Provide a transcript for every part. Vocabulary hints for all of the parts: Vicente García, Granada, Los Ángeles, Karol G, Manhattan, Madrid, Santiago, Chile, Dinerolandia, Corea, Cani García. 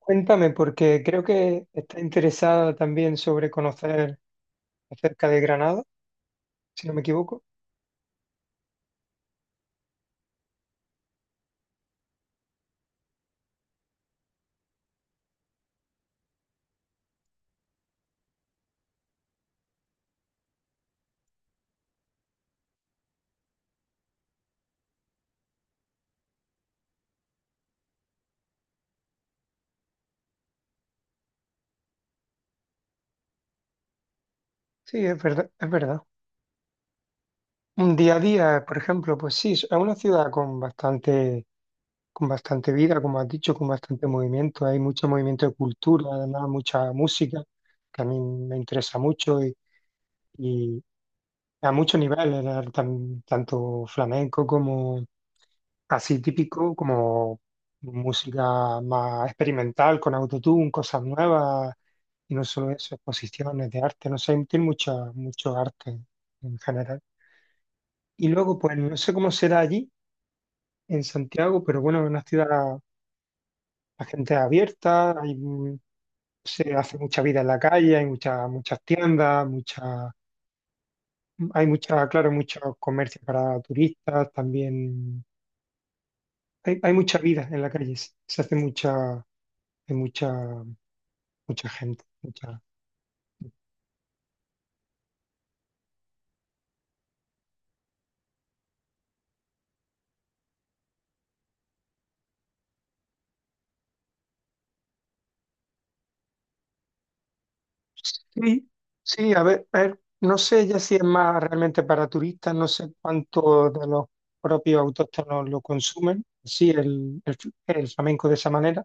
Cuéntame, porque creo que está interesada también sobre conocer acerca de Granada, si no me equivoco. Sí, es verdad, es verdad. Un día a día, por ejemplo, pues sí, es una ciudad con con bastante vida, como has dicho, con bastante movimiento. Hay mucho movimiento de cultura, además mucha música, que a mí me interesa mucho y a muchos niveles, tanto flamenco como así típico, como música más experimental, con autotune, cosas nuevas. Y no solo eso, exposiciones de arte, no sé, tiene mucho arte en general. Y luego, pues no sé cómo será allí, en Santiago, pero bueno, es una ciudad, la gente es abierta, hay, se hace mucha vida en la calle, hay muchas tiendas, claro, muchos comercios para turistas, también hay mucha vida en la calle, se hay mucha, mucha gente. Sí, sí, a ver, no sé ya si es más realmente para turistas, no sé cuánto de los propios autóctonos lo consumen, sí, el flamenco de esa manera,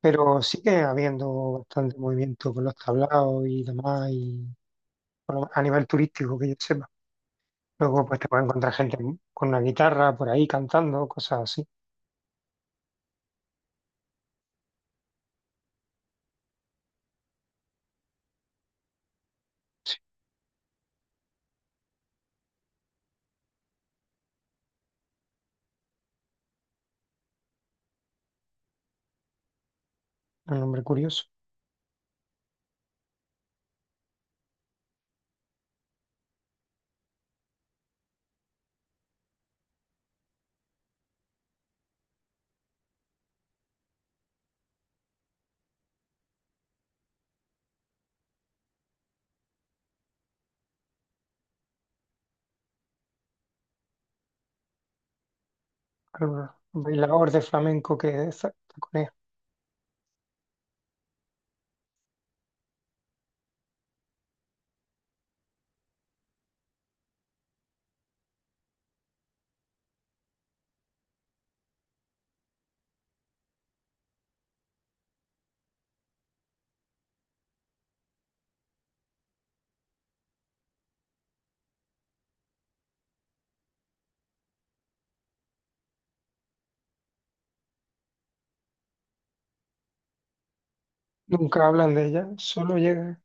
pero sigue habiendo bastante movimiento con los tablaos y demás, y bueno, a nivel turístico que yo sepa. Luego pues te puedes encontrar gente con una guitarra por ahí cantando, cosas así. Sí. Un nombre curioso. Un bailador de flamenco que es Corea. Nunca hablan de ella, solo llega.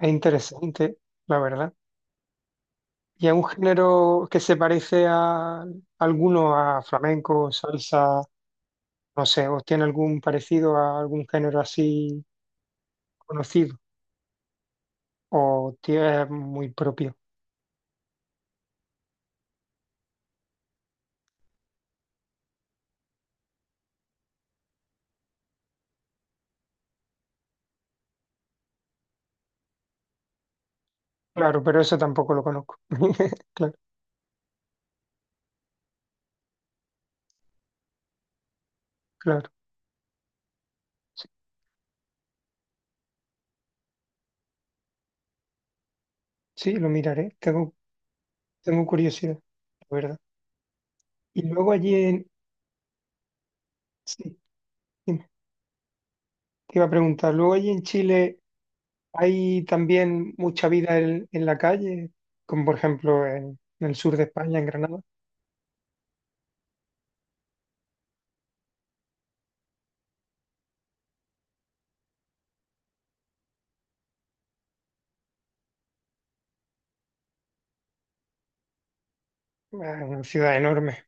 Es interesante, la verdad. Y es un género que se parece a alguno a flamenco, salsa, no sé, o tiene algún parecido a algún género así conocido, o tiene muy propio. Claro, pero eso tampoco lo conozco. Claro, claro. Sí, sí, lo miraré. Tengo curiosidad, la verdad. Y luego allí en. Sí, dime. Te iba a preguntar, luego allí en Chile hay también mucha vida en la calle, como por ejemplo en el sur de España, en Granada, es una ciudad enorme,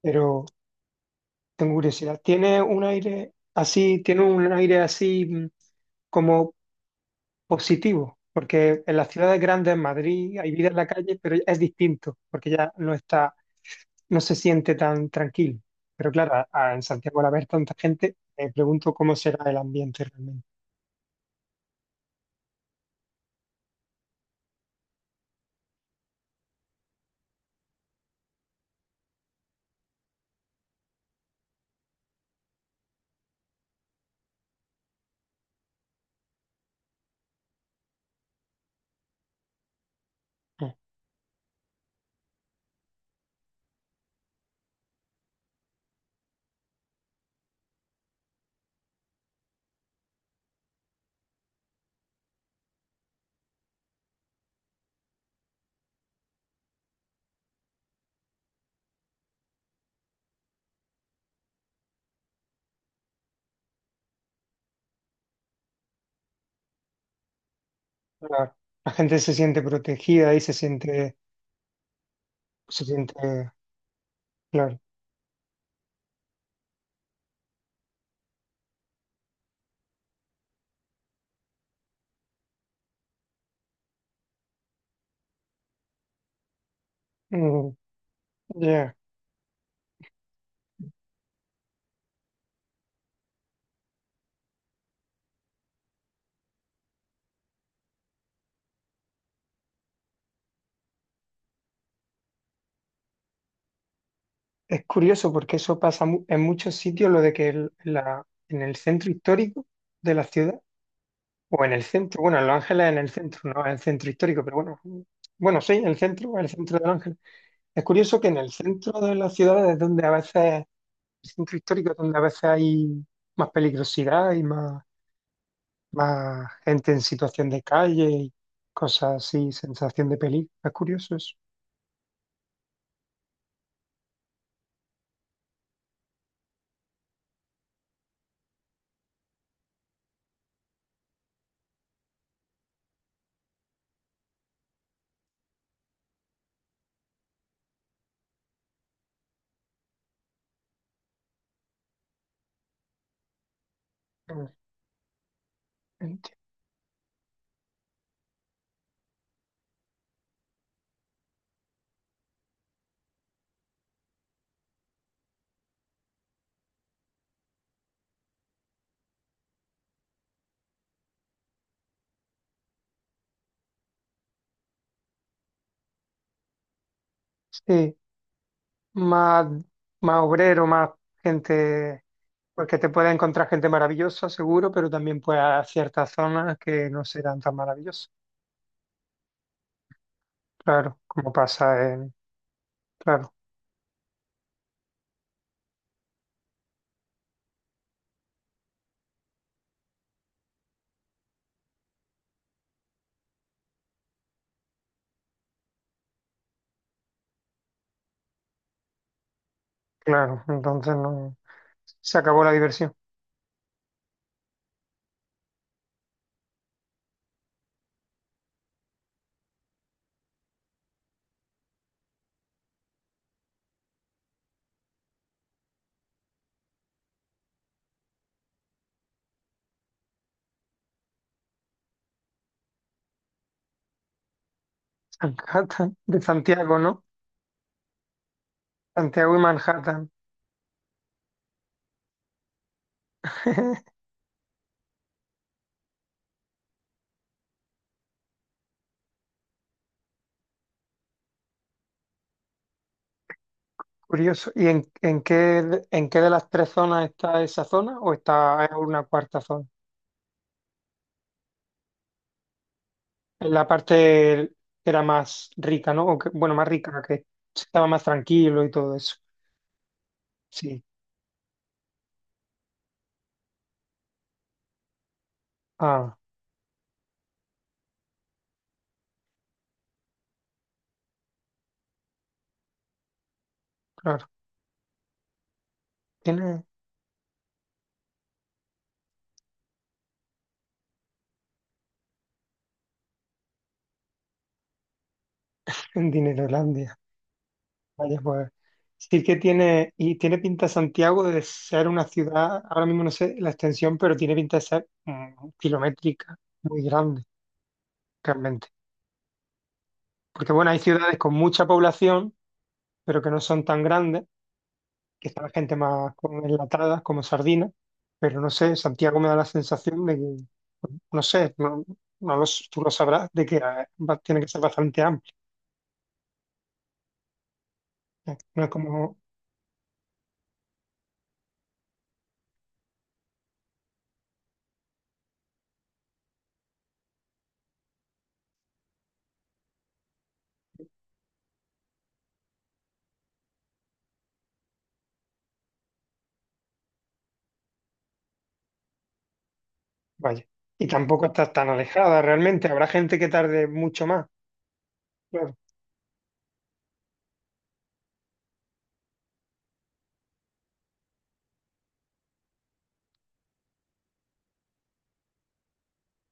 pero tengo curiosidad, tiene un aire así como positivo? Porque en las ciudades grandes, en Madrid, hay vida en la calle, pero es distinto, porque ya no está, no se siente tan tranquilo. Pero claro, en Santiago al haber tanta gente, me pregunto cómo será el ambiente realmente. Mm. La, la gente se siente protegida y se siente, claro. Mm, ya. Es curioso porque eso pasa en muchos sitios, lo de que en el centro histórico de la ciudad, o en el centro, bueno, en Los Ángeles en el centro, no en el centro histórico, pero bueno, bueno, sí, en el centro de Los Ángeles. Es curioso que en el centro de las ciudades es donde a veces, el centro histórico es donde a veces hay más peligrosidad y más gente en situación de calle y cosas así, sensación de peligro. Es curioso eso. Mm, entiendo. Sí, más, más obrero, más gente, porque te puede encontrar gente maravillosa, seguro, pero también pues a ciertas zonas que no serán tan maravillosas. Claro, como pasa en. Claro, claro, entonces no. Se acabó la diversión. Manhattan, de Santiago, ¿no? Santiago y Manhattan. Curioso. ¿Y en qué de las tres zonas está esa zona o está en una cuarta zona? En la parte que era más rica, ¿no? O bueno, más rica, que estaba más tranquilo y todo eso. Sí. Ah, claro. Tiene un Dinerolandia. Vaya, pues. Sí que tiene, y tiene pinta Santiago de ser una ciudad, ahora mismo no sé la extensión, pero tiene pinta de ser kilométrica, muy grande, realmente. Porque bueno, hay ciudades con mucha población, pero que no son tan grandes quizá la gente más como enlatada, como sardina, pero no sé, Santiago me da la sensación de que, no sé, no, no lo s- tú lo sabrás, de que tiene que ser bastante amplia, ¿eh? No es como, vaya, y tampoco está tan alejada realmente, habrá gente que tarde mucho más, claro,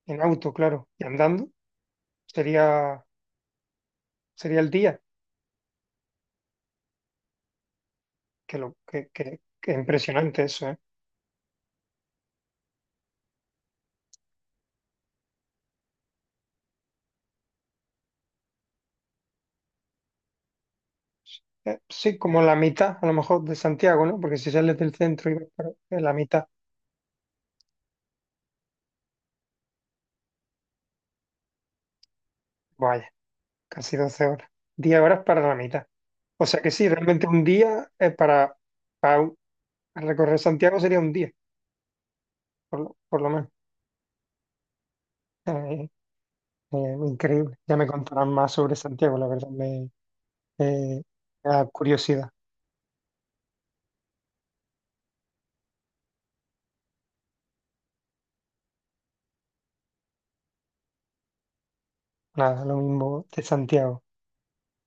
en auto, claro, y andando, sería, sería el día, que lo, que impresionante eso, ¿eh? Sí, como la mitad, a lo mejor, de Santiago, ¿no? Porque si sales del centro y vas para la mitad, vaya. Casi 12 horas. 10 horas para la mitad. O sea que sí, realmente un día para un- para recorrer Santiago sería un día, por lo menos. Eh, increíble. Ya me contarán más sobre Santiago, la verdad eh, me da curiosidad. Nada, lo mismo de Santiago.